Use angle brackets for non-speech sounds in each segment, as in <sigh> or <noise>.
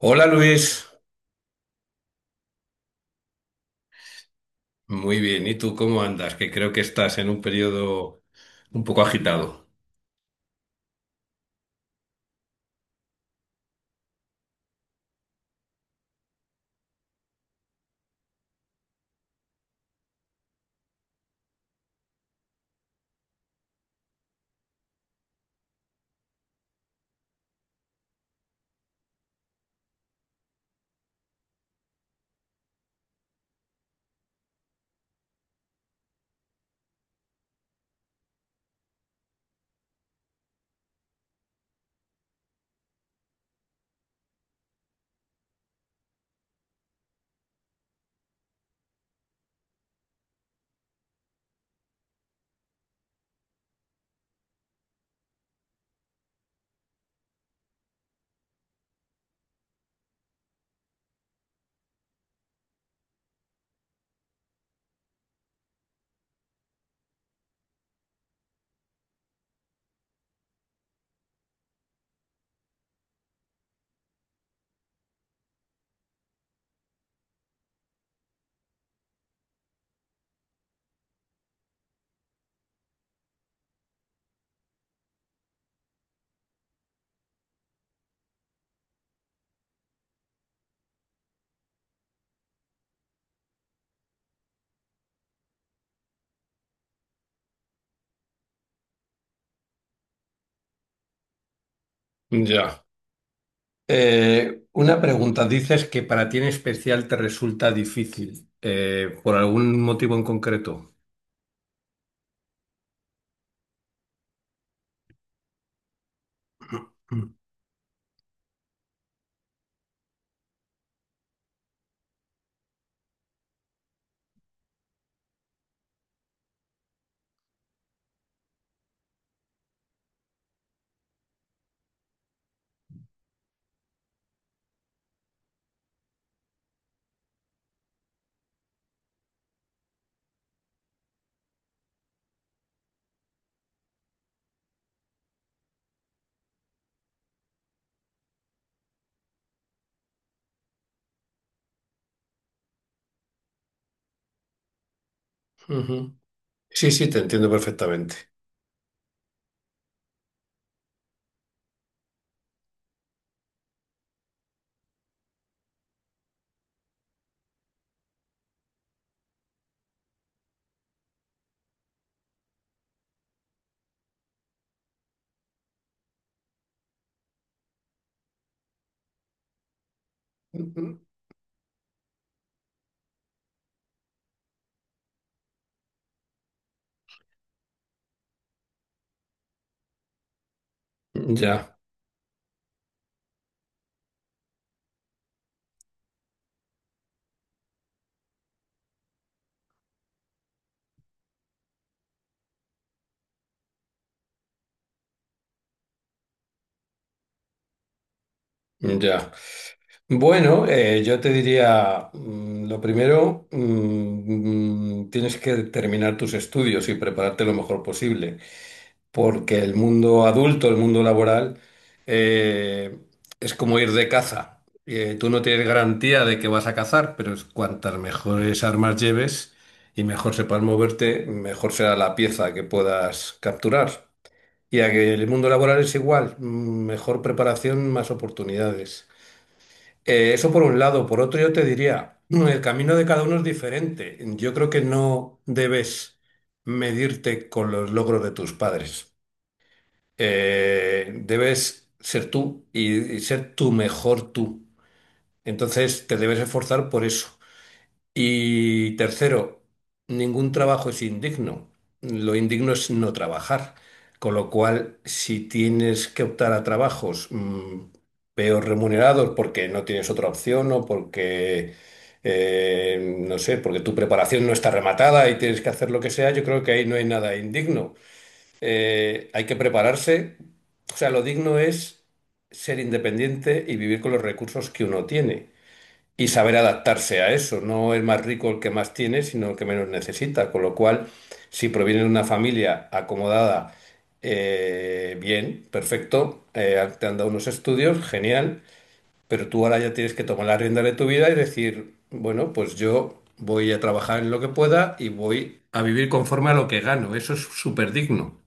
Hola Luis, muy bien. ¿Y tú cómo andas? Que creo que estás en un periodo un poco agitado. Ya. Una pregunta. Dices que para ti en especial te resulta difícil, ¿por algún motivo en concreto? Mm. Ujú. Sí, sí, te entiendo perfectamente. Ujú. Ya, ya. Bueno, yo te diría, lo primero, tienes que terminar tus estudios y prepararte lo mejor posible. Porque el mundo adulto, el mundo laboral, eh, es como ir de caza. Tú no tienes garantía de que vas a cazar, pero es cuantas mejores armas lleves y mejor sepas moverte, mejor será la pieza que puedas capturar. Y a que el mundo laboral es igual, mejor preparación, más oportunidades. Eso por un lado. Por otro, yo te diría, el camino de cada uno es diferente. Yo creo que no debes medirte con los logros de tus padres, debes ser tú y ser tu mejor tú. Entonces te debes esforzar por eso. Y tercero, ningún trabajo es indigno. Lo indigno es no trabajar. Con lo cual, si tienes que optar a trabajos peor remunerados porque no tienes otra opción o porque, no sé, porque tu preparación no está rematada y tienes que hacer lo que sea, yo creo que ahí no hay nada indigno. Hay que prepararse. O sea, lo digno es ser independiente y vivir con los recursos que uno tiene y saber adaptarse a eso. No es más rico el que más tiene, sino el que menos necesita. Con lo cual, si proviene de una familia acomodada, bien, perfecto, te han dado unos estudios, genial, pero tú ahora ya tienes que tomar la rienda de tu vida y decir, bueno, pues yo voy a trabajar en lo que pueda y voy a vivir conforme a lo que gano. Eso es súper digno.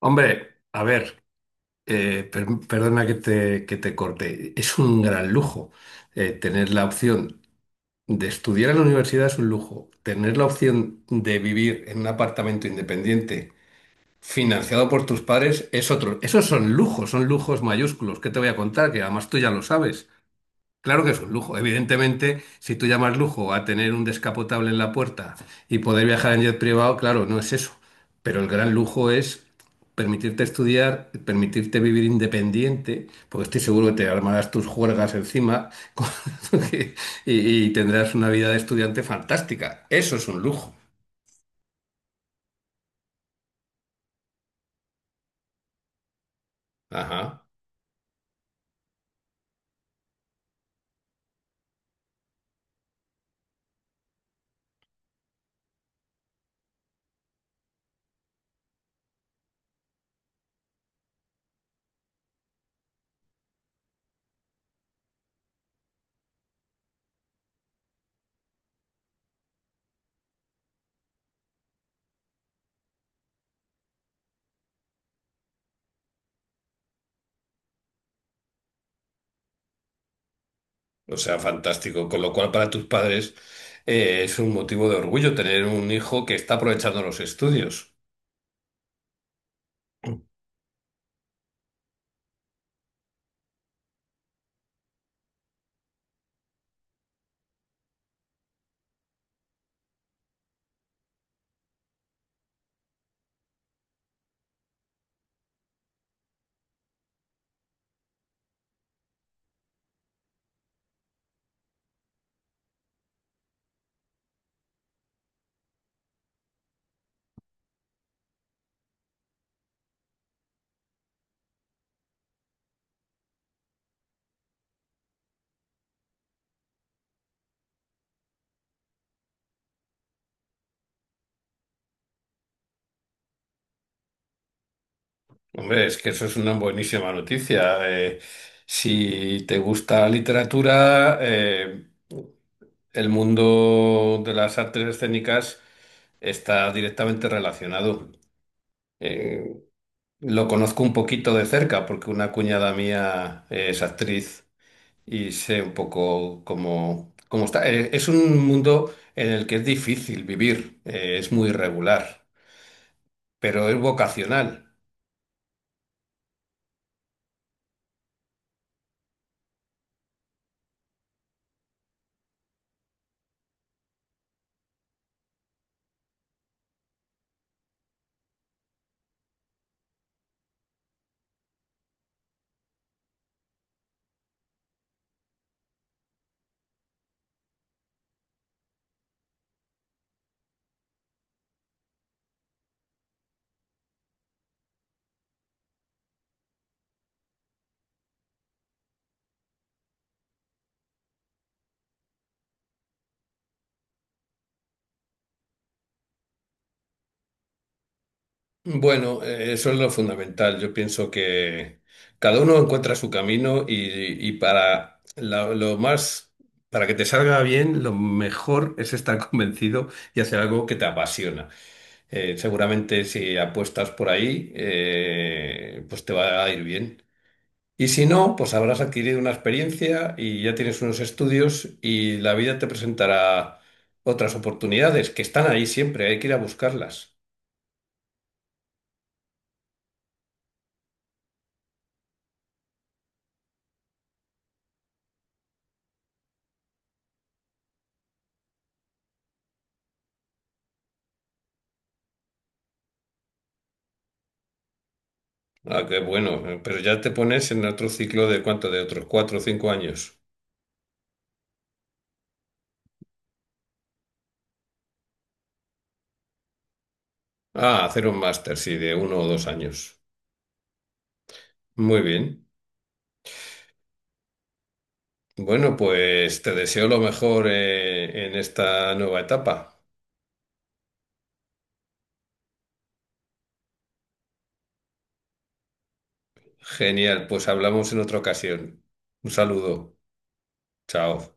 Hombre, a ver, perdona que te, corte. Es un gran lujo, tener la opción de estudiar en la universidad es un lujo. Tener la opción de vivir en un apartamento independiente financiado por tus padres es otro. Esos son lujos mayúsculos. ¿Qué te voy a contar? Que además tú ya lo sabes. Claro que es un lujo. Evidentemente, si tú llamas lujo a tener un descapotable en la puerta y poder viajar en jet privado, claro, no es eso. Pero el gran lujo es permitirte estudiar, permitirte vivir independiente, porque estoy seguro que te armarás tus juergas encima <laughs> con- y, tendrás una vida de estudiante fantástica. Eso es un lujo. Ajá. O sea, fantástico. Con lo cual, para tus padres, es un motivo de orgullo tener un hijo que está aprovechando los estudios. Hombre, es que eso es una buenísima noticia. Si te gusta la literatura, el mundo de las artes escénicas está directamente relacionado. Eh, lo conozco un poquito de cerca porque una cuñada mía, es actriz y sé un poco cómo, está. Es un mundo en el que es difícil vivir, es muy irregular, pero es vocacional. Bueno, eso es lo fundamental. Yo pienso que cada uno encuentra su camino y, para lo más, para que te salga bien, lo mejor es estar <laughs> convencido y hacer algo que te apasiona. Seguramente si apuestas por ahí, pues te va a ir bien. Y si no, pues habrás adquirido una experiencia y ya tienes unos estudios y la vida te presentará otras oportunidades que están ahí siempre, hay que ir a buscarlas. Ah, qué bueno. Pero ya te pones en otro ciclo de cuánto, de otros 4 o 5 años. Ah, hacer un máster, sí, de 1 o 2 años. Muy bien. Bueno, pues te deseo lo mejor, en esta nueva etapa. Genial, pues hablamos en otra ocasión. Un saludo. Chao.